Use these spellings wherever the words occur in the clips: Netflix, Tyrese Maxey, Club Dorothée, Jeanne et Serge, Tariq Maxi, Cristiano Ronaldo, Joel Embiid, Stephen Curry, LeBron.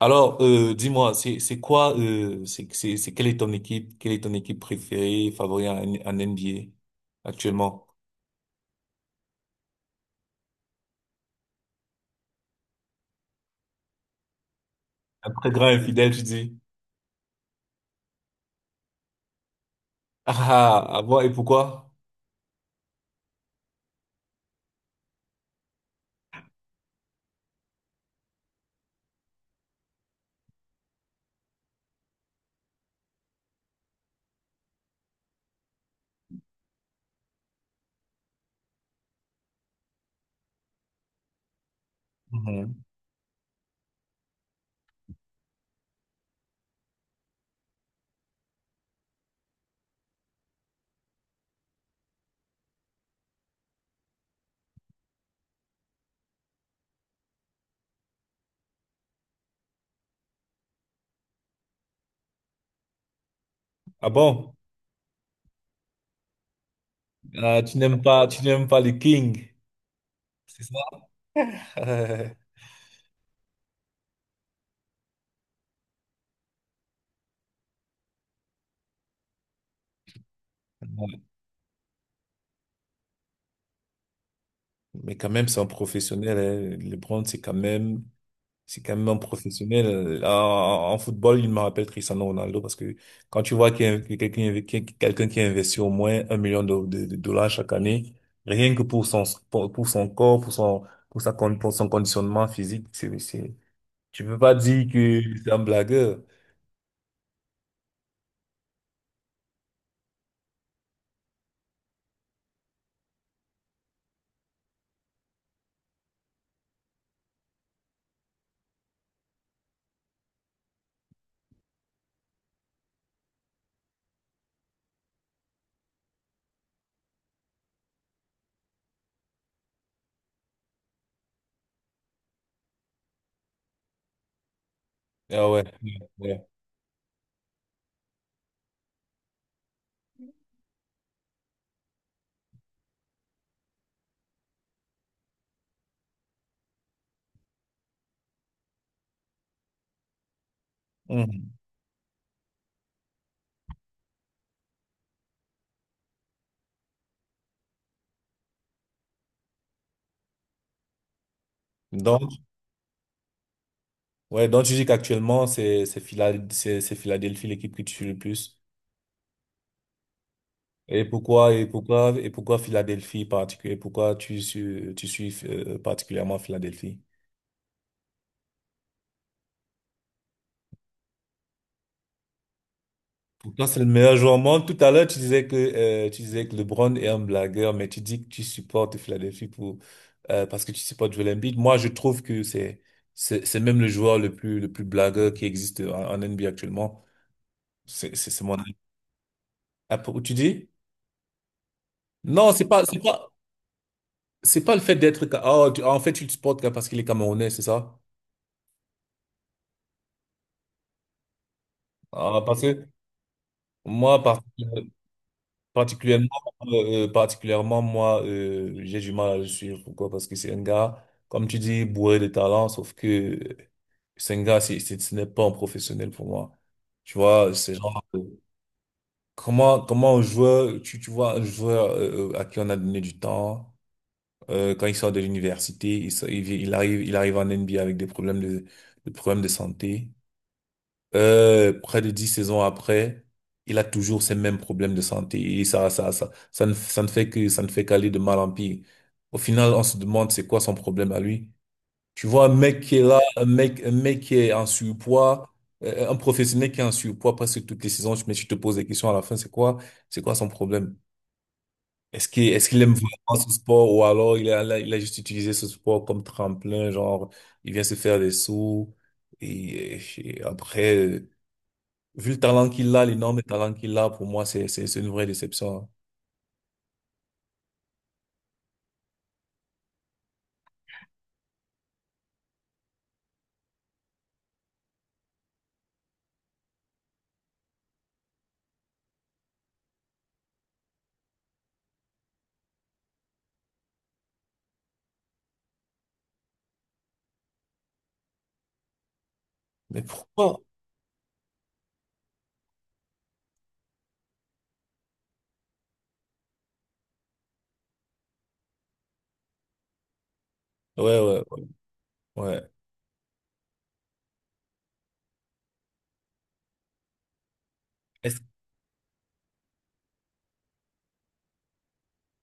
Alors, dis-moi, c'est quoi, c'est quelle est ton équipe préférée, favorite en NBA actuellement? Un très grand infidèle, tu dis. Ah bon, et pourquoi? Mhm. Ah bon? Ah, tu n'aimes pas les Kings, c'est ça? Ouais. Mais quand même, c'est un professionnel. Hein. LeBron, c'est quand même un professionnel. En football, il me rappelle Cristiano Ronaldo parce que quand tu vois qu'il y a que quelqu'un qui investit au moins 1 million de dollars chaque année, rien que pour son corps, pour son conditionnement physique, c'est tu peux pas dire que c'est un blagueur. Ah ouais. Ouais. Ouais. Mhm. Donc ouais, donc tu dis qu'actuellement c'est Philadelphie l'équipe qui tue le plus. Et pourquoi Philadelphie particulier? Pourquoi tu suis particulièrement Philadelphie? Pour toi, c'est le meilleur joueur au monde. Tout à l'heure, tu disais que LeBron est un blagueur, mais tu dis que tu supportes Philadelphie parce que tu supportes Joel Embiid. Moi, je trouve que c'est même le joueur le plus blagueur qui existe en NBA actuellement. C'est mon avis. Ah, tu dis? Non, c'est pas le fait d'être, en fait, tu le supportes parce qu'il est camerounais, c'est ça? Ah, parce que, moi. Particulièrement, particulièrement moi, j'ai du mal à le suivre. Pourquoi? Parce que c'est un gars, comme tu dis, bourré de talent, sauf que c'est un gars, c'est- ce n'est pas un professionnel pour moi. Tu vois, c'est genre, comment un joueur, tu vois, un joueur à qui on a donné du temps, quand il sort de l'université, il, sort- il, vient- il arrive en NBA avec des problèmes de santé. Près de 10 saisons après, il a toujours ces mêmes problèmes de santé. Et ça ne fait qu'aller de mal en pire. Au final, on se demande c'est quoi son problème à lui. Tu vois, un mec qui est là, un mec qui est en surpoids, un professionnel qui est en surpoids presque toutes les saisons, mais tu te poses des questions à la fin, c'est quoi son problème? Est-ce qu'il aime vraiment ce sport ou alors il a juste utilisé ce sport comme tremplin, genre, il vient se faire des sous et après, vu le talent qu'il a, l'énorme talent qu'il a, pour moi, c'est une vraie déception. Hein. Mais pourquoi? Ouais, ouais, ouais. Ouais. Est-ce,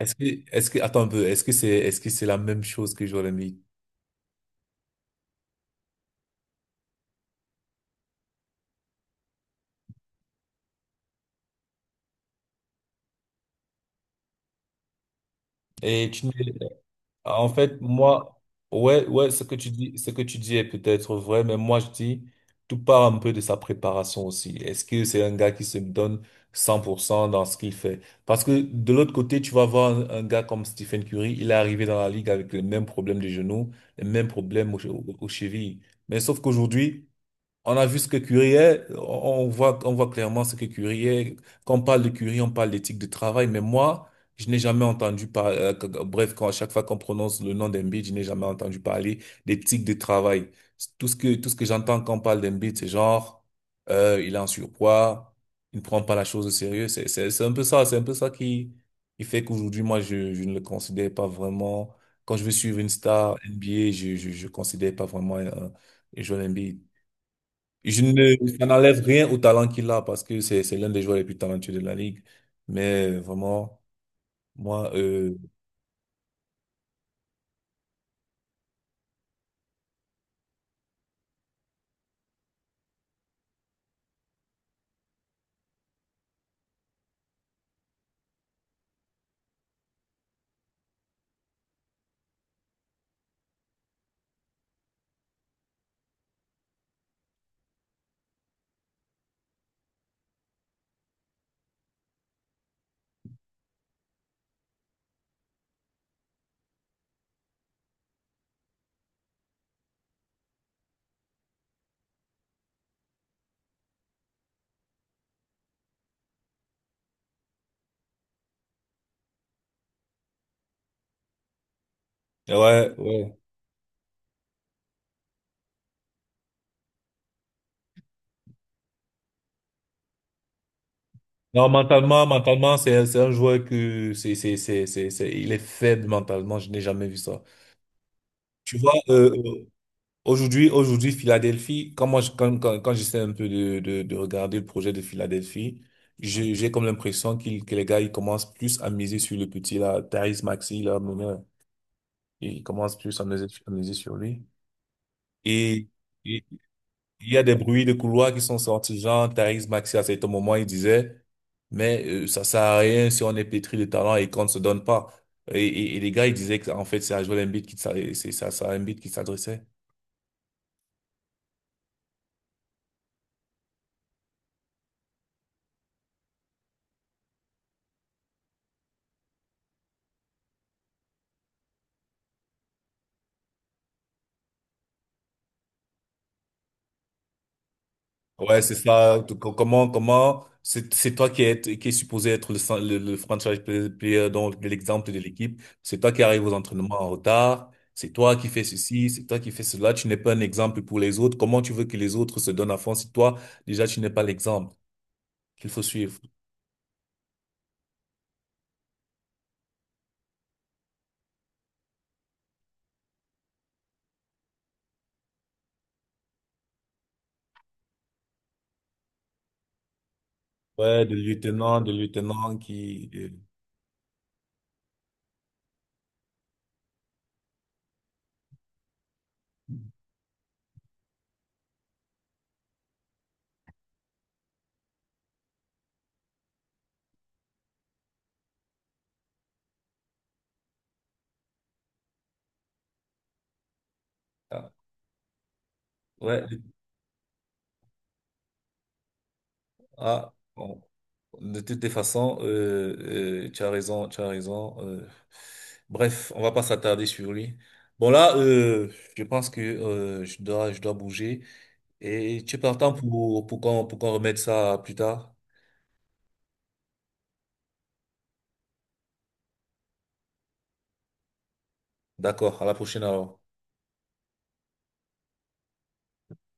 est-ce que, attends un peu, est-ce que c'est la même chose que Joel Embiid? Et tu ne En fait, moi, ouais, ouais, ce que tu dis est peut-être vrai, mais moi je dis, tout part un peu de sa préparation aussi. Est-ce que c'est un gars qui se donne 100% dans ce qu'il fait? Parce que de l'autre côté, tu vas voir un gars comme Stephen Curry, il est arrivé dans la ligue avec les mêmes problèmes de genoux, les mêmes problèmes aux chevilles. Mais sauf qu'aujourd'hui, on a vu ce que Curie est, on voit clairement ce que Curie est. Quand on parle de Curie, on parle d'éthique de travail, mais moi, je n'ai jamais entendu parler, bref, quand à chaque fois qu'on prononce le nom d'Embiid, je n'ai jamais entendu parler d'éthique de travail. Tout ce que j'entends quand on parle d'Embiid, c'est genre, il est en surpoids, il ne prend pas la chose au sérieux. C'est un peu ça, c'est un peu ça, qui fait qu'aujourd'hui, moi, je ne le considère pas vraiment. Quand je veux suivre une star NBA, je considère pas vraiment un joueur NBA. Je ne, Ça n'enlève rien au talent qu'il a parce que c'est l'un des joueurs les plus talentueux de la ligue. Mais vraiment, moi, ouais, ouais. Non, mentalement, c'est un joueur que il est faible mentalement. Je n'ai jamais vu ça. Tu vois, aujourd'hui, Philadelphie, quand moi, je- quand, quand, quand j'essaie un peu de regarder le projet de Philadelphie, j'ai comme l'impression que les gars, ils commencent plus à miser sur le petit, là, Tyrese Maxey, là, mon gars. Ils commencent plus à miser sur lui. Et il il y a des bruits de couloirs qui sont sortis, genre Tariq Maxi à certain moment, il disait, mais ça sert à rien si on est pétri de talent et qu'on ne se donne pas. Et les gars, ils disaient que en fait, c'est à Joel Embiid qui s'adressait. Ouais, c'est ça. Donc, c'est toi qui est supposé être le franchise player, donc de l'exemple de l'équipe. C'est toi qui arrives aux entraînements en retard. C'est toi qui fais ceci, c'est toi qui fais cela. Tu n'es pas un exemple pour les autres. Comment tu veux que les autres se donnent à fond si toi, déjà, tu n'es pas l'exemple qu'il faut suivre? Ouais, de lieutenant. Ah, ouais, ah, bon. De toutes les façons, tu as raison, tu as raison. Bref, on va pas s'attarder sur lui. Bon là, je pense que je dois bouger. Et tu es partant pour qu'on remette ça plus tard. D'accord, à la prochaine alors.